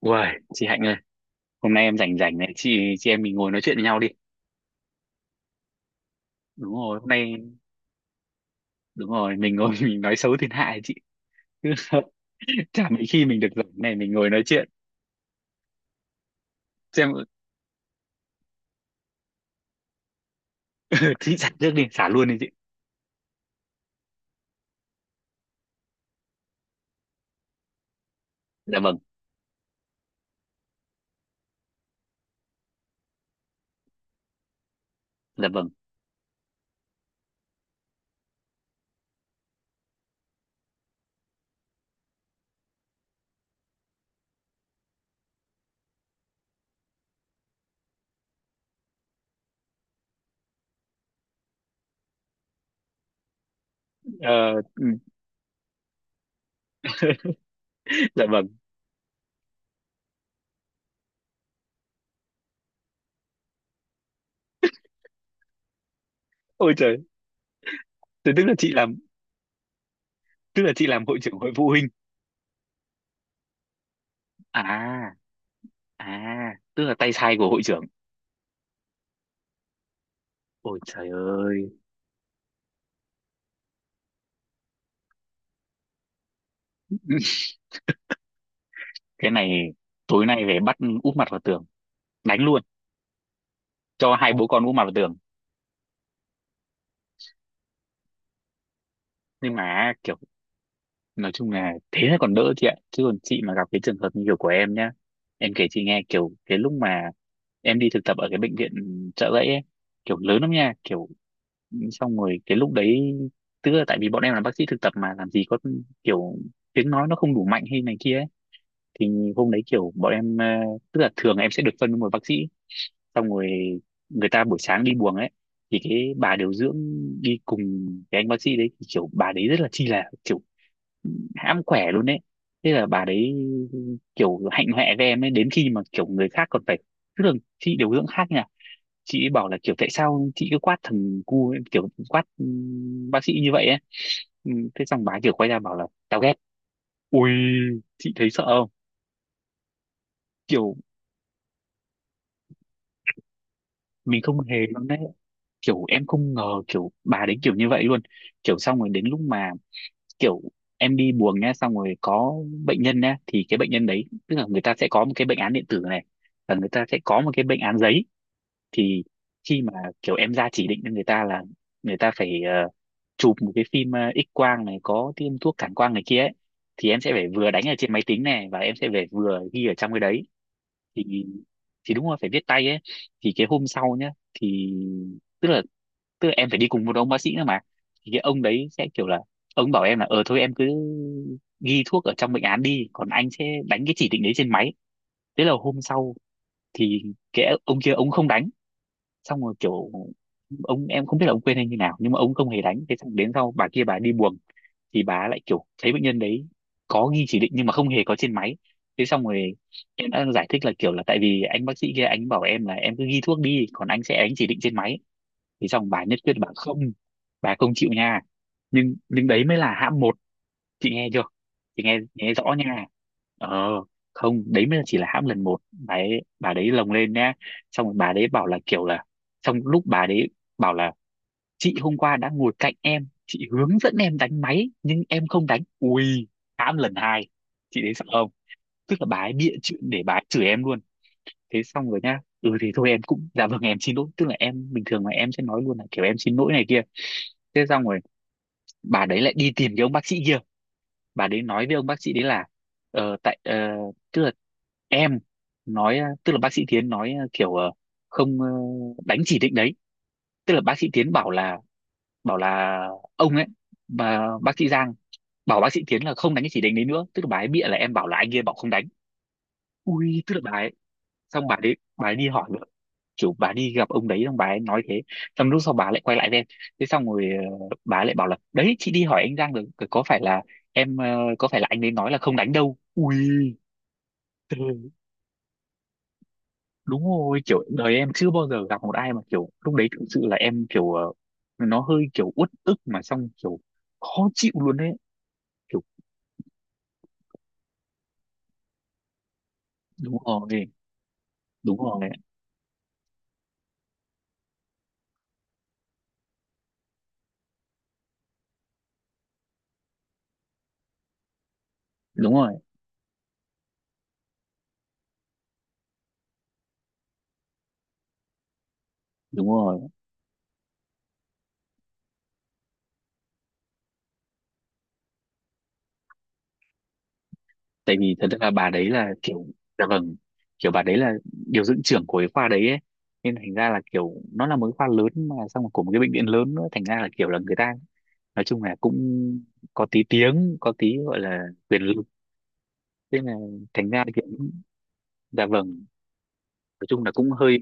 Uầy, chị Hạnh ơi, hôm nay em rảnh rảnh này, chị em mình ngồi nói chuyện với nhau đi. Đúng rồi, hôm nay đúng rồi, mình ngồi mình nói xấu thiên hạ ấy chị. Chả mấy khi mình được rảnh này mình ngồi nói chuyện. Xem chị xả trước đi, xả luôn đi chị. Dạ vâng, dạ vâng. Ờ, ừ, dạ vâng. Ôi trời, thế tức là chị làm, tức là chị làm hội trưởng hội phụ huynh. À, à, tức là tay sai của hội trưởng. Ôi trời ơi, cái này tối nay về bắt úp mặt vào tường, đánh luôn, cho hai bố con úp mặt vào tường. Nhưng mà kiểu nói chung là thế là còn đỡ chị ạ, chứ còn chị mà gặp cái trường hợp như kiểu của em nhá, em kể chị nghe kiểu cái lúc mà em đi thực tập ở cái bệnh viện Chợ Rẫy ấy, kiểu lớn lắm nha, kiểu xong rồi cái lúc đấy, tức là tại vì bọn em là bác sĩ thực tập mà làm gì có kiểu tiếng nói nó không đủ mạnh hay này kia ấy. Thì hôm đấy kiểu bọn em tức là thường em sẽ được phân với một bác sĩ, xong rồi người ta buổi sáng đi buồng ấy, thì cái bà điều dưỡng đi cùng cái anh bác sĩ đấy, thì kiểu bà đấy rất là chi là kiểu hãm khỏe luôn đấy. Thế là bà đấy kiểu hạnh hoẹ với em ấy đến khi mà kiểu người khác còn phải, tức là chị điều dưỡng khác nha, chị ấy bảo là kiểu tại sao chị cứ quát thằng cu ấy, kiểu quát bác sĩ như vậy ấy. Ừ, thế xong bà kiểu quay ra bảo là tao ghét. Ui chị thấy sợ không, kiểu mình không hề luôn đấy, kiểu em không ngờ kiểu bà đấy kiểu như vậy luôn, kiểu xong rồi đến lúc mà kiểu em đi buồng nhá, xong rồi có bệnh nhân nhá, thì cái bệnh nhân đấy tức là người ta sẽ có một cái bệnh án điện tử này và người ta sẽ có một cái bệnh án giấy. Thì khi mà kiểu em ra chỉ định cho người ta là người ta phải chụp một cái phim X quang này, có tiêm thuốc cản quang này kia ấy, thì em sẽ phải vừa đánh ở trên máy tính này và em sẽ phải vừa ghi ở trong cái đấy. thì thì đúng rồi phải viết tay ấy. Thì cái hôm sau nhá, thì tức là tức là em phải đi cùng một ông bác sĩ nữa mà, thì cái ông đấy sẽ kiểu là ông bảo em là ờ thôi em cứ ghi thuốc ở trong bệnh án đi, còn anh sẽ đánh cái chỉ định đấy trên máy. Thế là hôm sau thì cái ông kia ông không đánh, xong rồi kiểu ông, em không biết là ông quên hay như nào nhưng mà ông không hề đánh. Thế xong đến sau bà kia bà đi buồng, thì bà lại kiểu thấy bệnh nhân đấy có ghi chỉ định nhưng mà không hề có trên máy. Thế xong rồi em đã giải thích là kiểu là tại vì anh bác sĩ kia anh bảo em là em cứ ghi thuốc đi, còn anh sẽ đánh chỉ định trên máy. Thì xong bà nhất quyết bà không, bà không chịu nha. Nhưng đấy mới là hãm một, chị nghe chưa, chị nghe nghe rõ nha. Ờ, không, đấy mới chỉ là hãm lần một, bà đấy lồng lên nha. Xong rồi bà đấy bảo là kiểu là, trong lúc bà đấy bảo là chị hôm qua đã ngồi cạnh em, chị hướng dẫn em đánh máy nhưng em không đánh. Ui hãm lần hai, chị đấy sợ không, tức là bà ấy bịa chuyện để bà ấy chửi em luôn. Thế xong rồi nhá, ừ thì thôi em cũng dạ vâng em xin lỗi, tức là em bình thường mà em sẽ nói luôn là kiểu em xin lỗi này kia. Thế xong rồi bà đấy lại đi tìm cái ông bác sĩ kia, bà đấy nói với ông bác sĩ đấy là tại tức là em nói tức là bác sĩ Tiến nói kiểu không đánh chỉ định đấy, tức là bác sĩ Tiến bảo là, bảo là ông ấy, bà, bác sĩ Giang bảo bác sĩ Tiến là không đánh cái chỉ định đấy nữa, tức là bà ấy bịa là em bảo là anh kia bảo không đánh. Ui tức là bà ấy, xong bà đấy bà ấy đi hỏi, kiểu bà đi gặp ông đấy xong bà ấy nói thế. Xong lúc sau bà lại quay lại với em. Thế xong rồi bà ấy lại bảo là đấy chị đi hỏi anh Giang rồi, có phải là em có phải là anh ấy nói là không đánh đâu. Ui thế- đúng rồi kiểu đời em chưa bao giờ gặp một ai mà kiểu lúc đấy thực sự là em kiểu nó hơi kiểu uất ức mà xong kiểu khó chịu luôn đấy. Kiểu đúng rồi, đúng rồi, đúng rồi, đúng rồi, tại vì thật ra bà đấy là kiểu, dạ vâng, kiểu bà đấy là điều dưỡng trưởng của cái khoa đấy ấy. Nên thành ra là kiểu nó là một cái khoa lớn, mà xong rồi của một cái bệnh viện lớn nữa, thành ra là kiểu là người ta nói chung là cũng có tí tiếng có tí gọi là quyền lực. Thế là thành ra là kiểu, dạ vâng, nói chung là cũng hơi,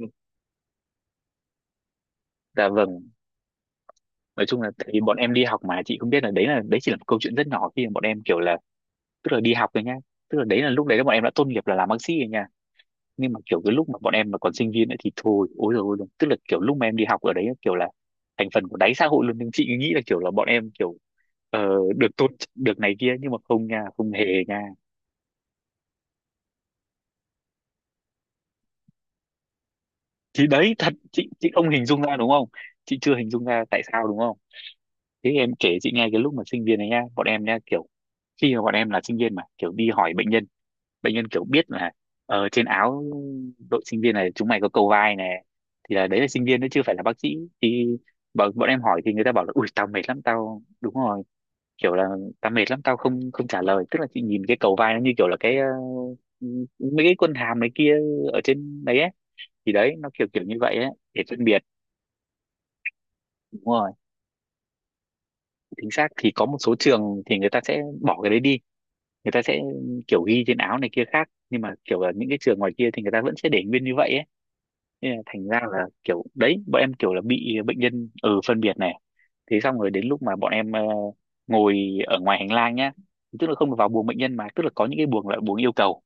dạ vâng, nói chung là tại vì bọn em đi học mà, chị không biết là đấy là, đấy chỉ là một câu chuyện rất nhỏ khi mà bọn em kiểu là, tức là đi học thôi nhá, tức là đấy là lúc đấy là bọn em đã tốt nghiệp là làm bác sĩ rồi nha. Nhưng mà kiểu cái lúc mà bọn em mà còn sinh viên ấy thì thôi ôi rồi ôi rồi, tức là kiểu lúc mà em đi học ở đấy ấy, kiểu là thành phần của đáy xã hội luôn. Nhưng chị nghĩ là kiểu là bọn em kiểu ờ, được tôn trọng, được này kia, nhưng mà không nha, không hề nha. Thì đấy thật, chị không hình dung ra đúng không, chị chưa hình dung ra tại sao đúng không. Thế em kể chị nghe cái lúc mà sinh viên này nha, bọn em nha, kiểu khi mà bọn em là sinh viên mà kiểu đi hỏi bệnh nhân, bệnh nhân kiểu biết là ở trên áo đội sinh viên này chúng mày có cầu vai này, thì là đấy là sinh viên đấy chưa phải là bác sĩ. Thì bọn bọn em hỏi thì người ta bảo là ui tao mệt lắm tao, đúng rồi, kiểu là tao mệt lắm tao không, không trả lời. Tức là chị nhìn cái cầu vai nó như kiểu là cái mấy cái quân hàm này kia ở trên đấy ấy, thì đấy nó kiểu kiểu như vậy ấy để phân biệt. Đúng rồi chính xác, thì có một số trường thì người ta sẽ bỏ cái đấy đi, người ta sẽ kiểu ghi trên áo này kia khác, nhưng mà kiểu là những cái trường ngoài kia thì người ta vẫn sẽ để nguyên như vậy ấy. Thế là thành ra là kiểu đấy bọn em kiểu là bị bệnh nhân ừ phân biệt này. Thế xong rồi đến lúc mà bọn em ngồi ở ngoài hành lang nhá, tức là không được vào buồng bệnh nhân mà tức là có những cái buồng là buồng yêu cầu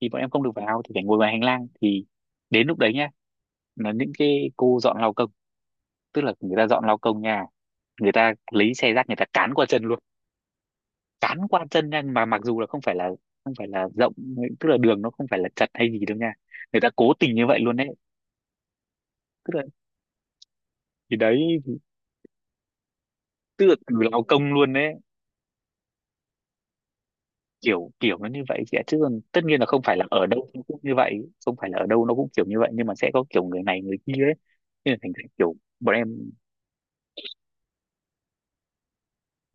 thì bọn em không được vào thì phải ngồi ngoài hành lang. Thì đến lúc đấy nhá là những cái cô dọn lao công, tức là người ta dọn lao công nha, người ta lấy xe rác người ta cán qua chân luôn. Cán qua chân nha, mà mặc dù là không phải là, không phải là rộng, tức là đường nó không phải là chật hay gì đâu nha, người ta cố tình như vậy luôn đấy. Tức là, thì đấy, tức là từ lao công luôn đấy, kiểu kiểu nó như vậy chị ạ, chứ còn tất nhiên là không phải là ở đâu nó cũng như vậy, không phải là ở đâu nó cũng kiểu như vậy, nhưng mà sẽ có kiểu người này người kia ấy. Nên là thành ra kiểu bọn em,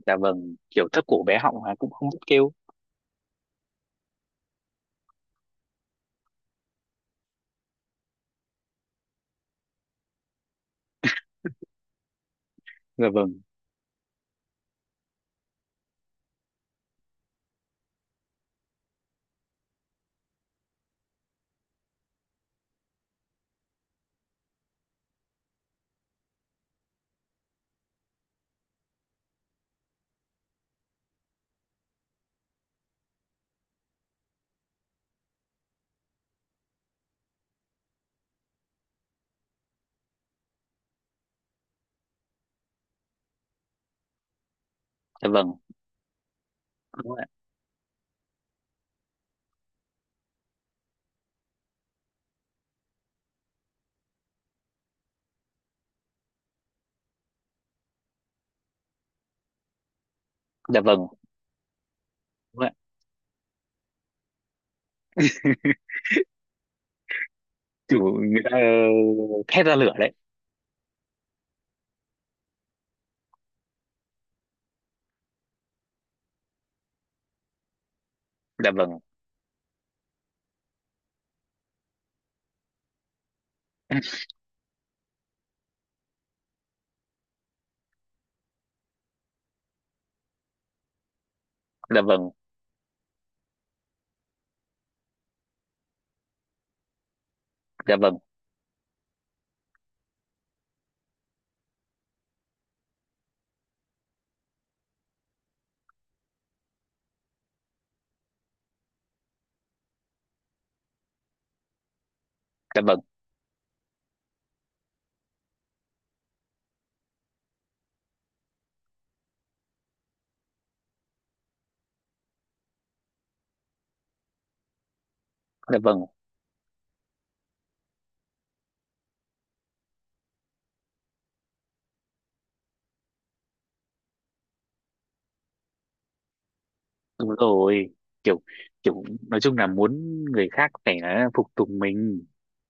dạ vâng, kiểu thấp cổ bé họng mà cũng không biết kêu. Dạ vâng, dạ vâng, đúng ạ, dạ vâng, đúng ạ. Kiểu người ta thét ra lửa đấy. Dạ vâng. Dạ vâng, dạ vâng, dạ vâng, dạ vâng, đúng rồi, kiểu kiểu nói chung là muốn người khác phải là phục tùng mình,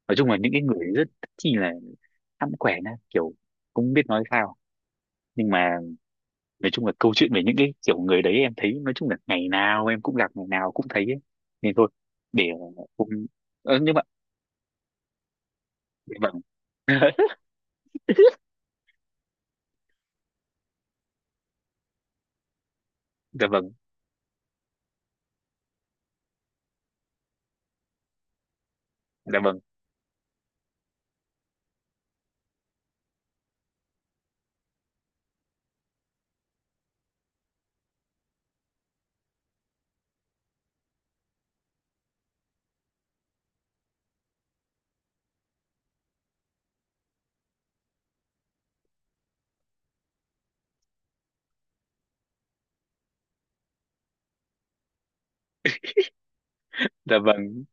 nói chung là những cái người rất chi là hãm quẻ na, kiểu không biết nói sao. Nhưng mà nói chung là câu chuyện về những cái kiểu người đấy em thấy nói chung là ngày nào em cũng gặp, ngày nào cũng thấy ấy. Nên thôi, để hôm, nhưng mà dạ vâng. Dạ vâng, dạ vâng, dạ vâng,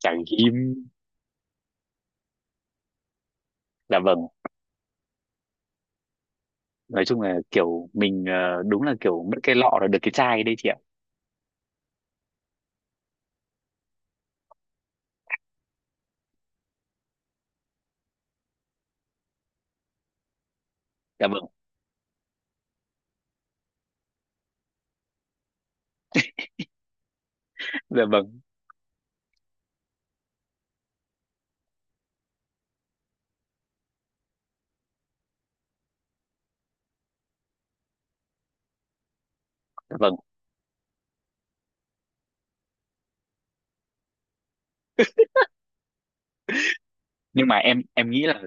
trải nghiệm, dạ vâng, nói chung là kiểu mình đúng là kiểu mất cái lọ là được cái chai đấy chị ạ. Dạ vâng, dạ vâng, dạ vâng. Nhưng mà em nghĩ là,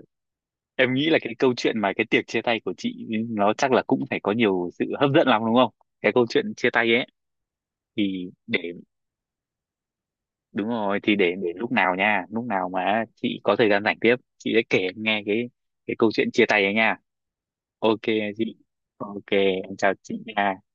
em nghĩ là cái câu chuyện mà cái tiệc chia tay của chị ừ, nó chắc là cũng phải có nhiều sự hấp dẫn lắm đúng không, cái câu chuyện chia tay ấy, thì để, đúng rồi, thì để lúc nào nha, lúc nào mà chị có thời gian rảnh tiếp chị sẽ kể em nghe cái câu chuyện chia tay ấy nha. OK chị, OK, em chào chị nha.